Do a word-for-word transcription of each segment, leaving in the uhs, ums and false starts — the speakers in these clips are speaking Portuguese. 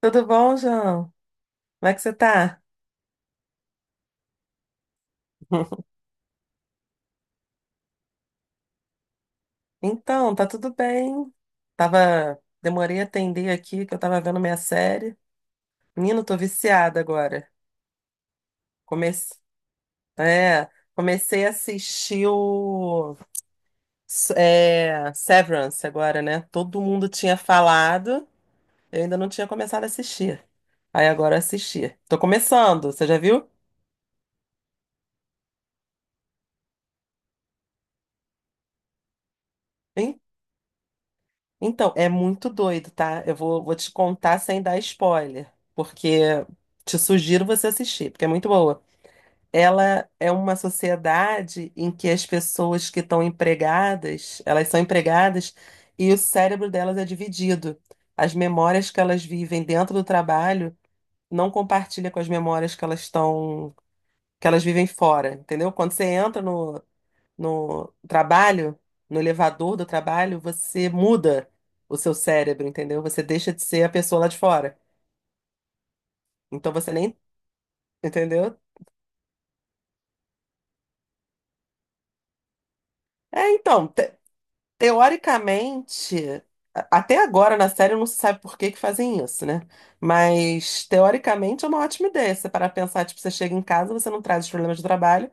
Tudo bom, João? Como é que você tá? Então, tá tudo bem. Tava, demorei a atender aqui, que eu tava vendo minha série. Menino, tô viciada agora. Comecei, é, comecei a assistir o é, Severance agora, né? Todo mundo tinha falado, eu ainda não tinha começado a assistir. Aí agora eu assisti. Tô começando, você já viu? Então, é muito doido, tá? Eu vou, vou te contar sem dar spoiler, porque te sugiro você assistir, porque é muito boa. Ela é uma sociedade em que as pessoas que estão empregadas, elas são empregadas e o cérebro delas é dividido. As memórias que elas vivem dentro do trabalho não compartilha com as memórias que elas estão, que elas vivem fora, entendeu? Quando você entra no no trabalho, no elevador do trabalho, você muda o seu cérebro, entendeu? Você deixa de ser a pessoa lá de fora. Então você nem, entendeu? É, então, te- teoricamente, a- até agora na série não se sabe por que que fazem isso, né? Mas teoricamente é uma ótima ideia. Se você parar pra pensar, tipo, você chega em casa, você não traz os problemas do trabalho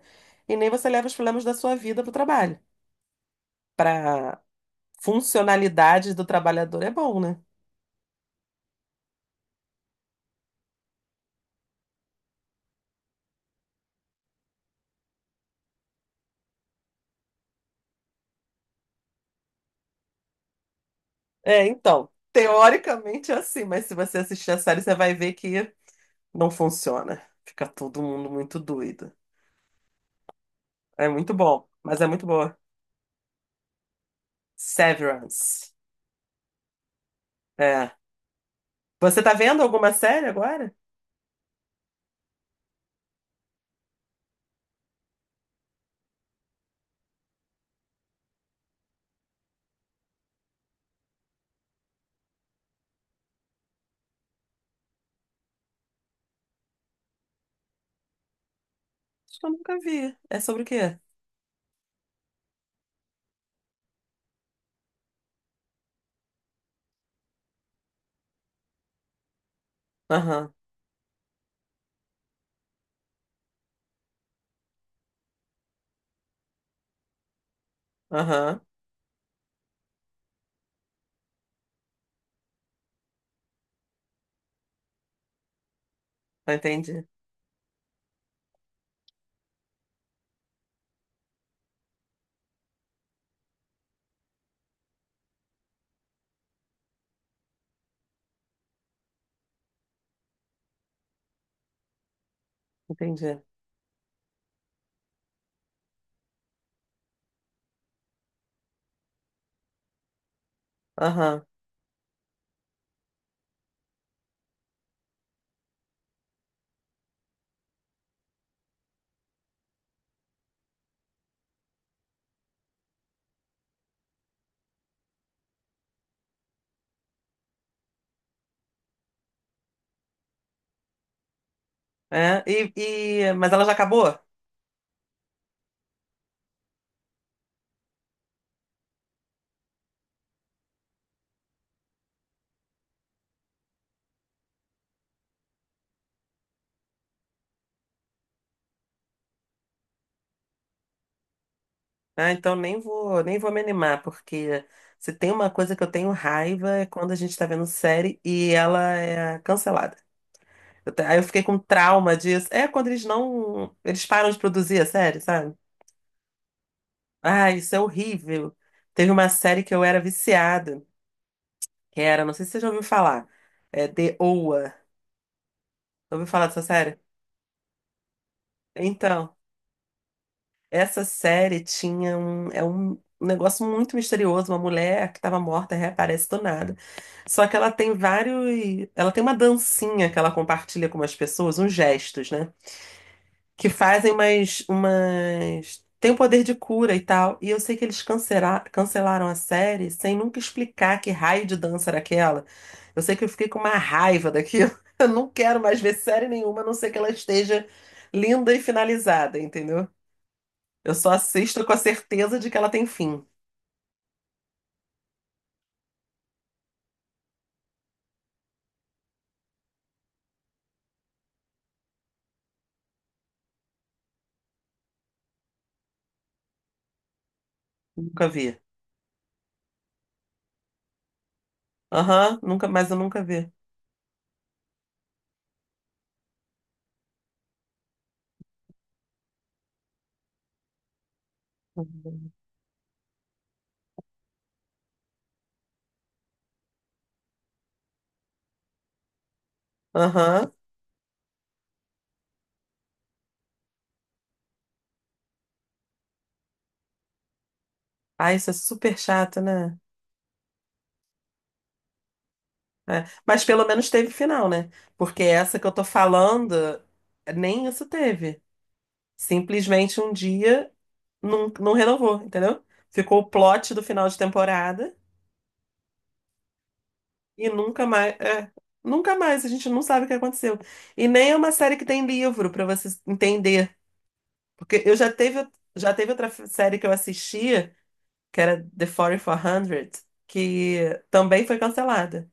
e nem você leva os problemas da sua vida pro trabalho. Pra funcionalidade do trabalhador é bom, né? É, então, teoricamente é assim, mas se você assistir a série, você vai ver que não funciona. Fica todo mundo muito doido. É muito bom, mas é muito boa. Severance. É. Você tá vendo alguma série agora? Acho que eu nunca vi. É sobre o quê? Aham, aham. Eu entendi, entendi. Aham. É, e, e- mas ela já acabou? Ah, então nem vou, nem vou me animar, porque se tem uma coisa que eu tenho raiva é quando a gente tá vendo série e ela é cancelada. Eu te- Aí eu fiquei com trauma disso. É quando eles não. Eles param de produzir a série, sabe? Ah, isso é horrível. Teve uma série que eu era viciada, que era, não sei se você já ouviu falar, é The O A. Já ouviu falar dessa série? Então, essa série tinha um. É um negócio muito misterioso. Uma mulher que estava morta reaparece do nada. Só que ela tem vários. Ela tem uma dancinha que ela compartilha com umas pessoas, uns gestos, né? Que fazem umas, umas... Tem o poder de cura e tal. E eu sei que eles cancela- cancelaram a série sem nunca explicar que raio de dança era aquela. Eu sei que eu fiquei com uma raiva daquilo. Eu não quero mais ver série nenhuma, a não ser que ela esteja linda e finalizada, entendeu? Eu só assisto com a certeza de que ela tem fim. Nunca vi. Aham, nunca, mas eu nunca vi. Aham. Ah, isso é super chato, né? É, mas pelo menos teve final, né? Porque essa que eu tô falando, nem isso teve. Simplesmente um dia não, não renovou, entendeu? Ficou o plot do final de temporada e nunca mais. É, nunca mais, a gente não sabe o que aconteceu. E nem é uma série que tem livro pra você entender. Porque eu já teve, já teve outra série que eu assistia, que era The quatro mil e quatrocentos, que também foi cancelada.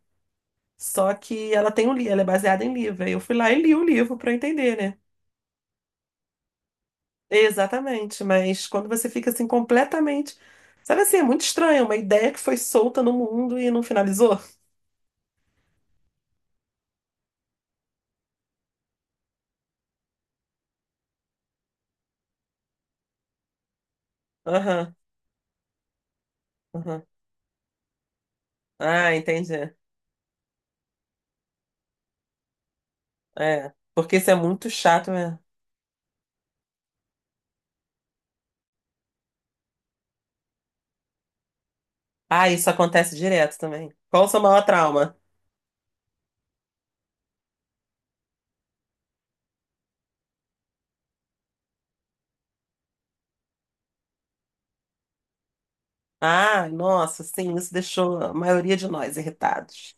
Só que ela tem um, li- ela é baseada em livro. Aí eu fui lá e li o livro pra eu entender, né? Exatamente, mas quando você fica assim completamente. Sabe assim, é muito estranho, uma ideia que foi solta no mundo e não finalizou. Aham, aham. Ah, entendi. É, porque isso é muito chato mesmo. Ah, isso acontece direto também. Qual o seu maior trauma? Ah, nossa, sim, isso deixou a maioria de nós irritados.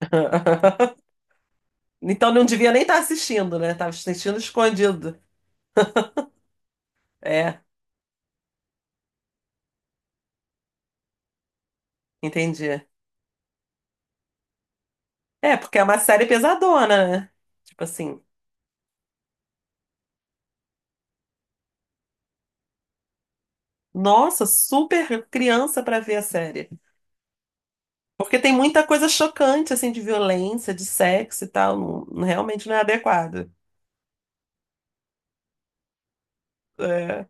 Então não devia nem estar assistindo, né? Tava assistindo escondido. É, entendi. É, porque é uma série pesadona, né? Tipo assim. Nossa, super criança pra ver a série. Porque tem muita coisa chocante, assim, de violência, de sexo e tal. Não- não- realmente não é adequado. É,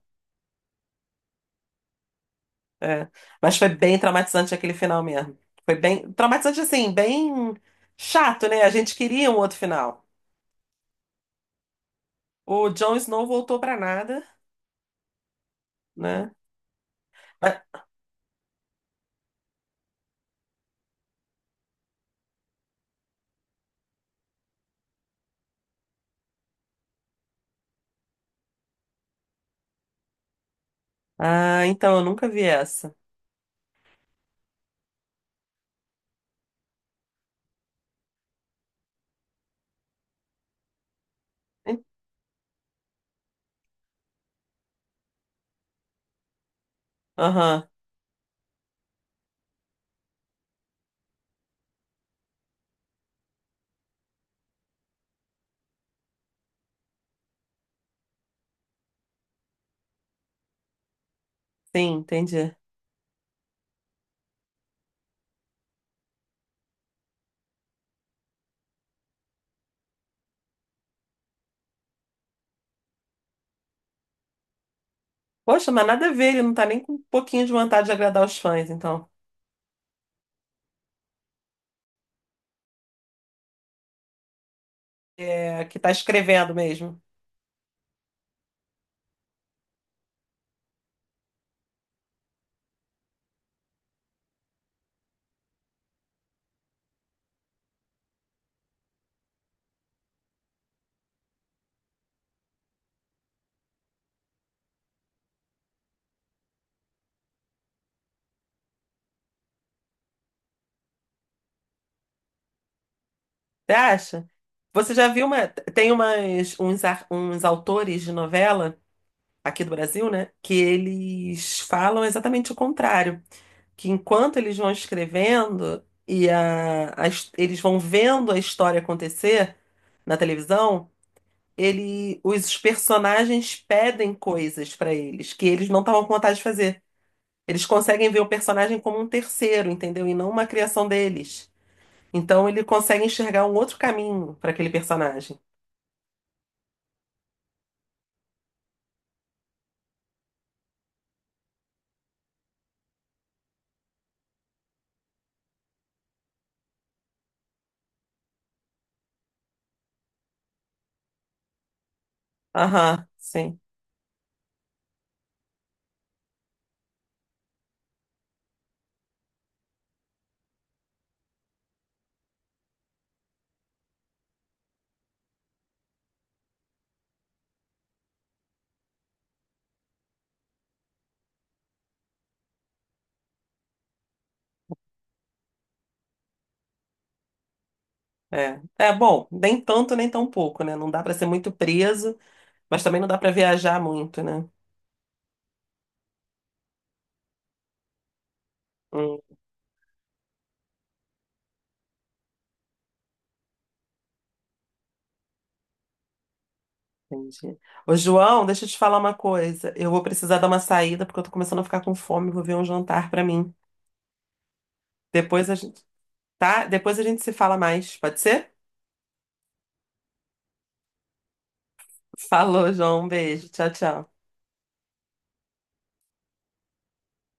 é. Mas foi bem traumatizante aquele final mesmo. Foi bem traumatizante, assim, bem chato, né? A gente queria um outro final. O Jon Snow voltou pra nada, né? Ah, ah, então, eu nunca vi essa. Aham, sim, entendi. Poxa, mas nada a ver, ele não tá nem com um pouquinho de vontade de agradar os fãs, então. É, que tá escrevendo mesmo. Você acha? Você já viu uma. Tem umas, uns, ar- uns autores de novela, aqui do Brasil, né? Que eles falam exatamente o contrário. Que enquanto eles vão escrevendo e a, a his- eles vão vendo a história acontecer na televisão, ele, os personagens pedem coisas para eles que eles não estavam com vontade de fazer. Eles conseguem ver o personagem como um terceiro, entendeu? E não uma criação deles. Então ele consegue enxergar um outro caminho para aquele personagem. Aham, sim. É. É bom, nem tanto nem tão pouco, né? Não dá pra ser muito preso, mas também não dá pra viajar muito, né? Hum, entendi. Ô, João, deixa eu te falar uma coisa. Eu vou precisar dar uma saída porque eu tô começando a ficar com fome, vou ver um jantar pra mim. Depois a gente, tá? Depois a gente se fala mais, pode ser? Falou, João, um beijo. Tchau, tchau.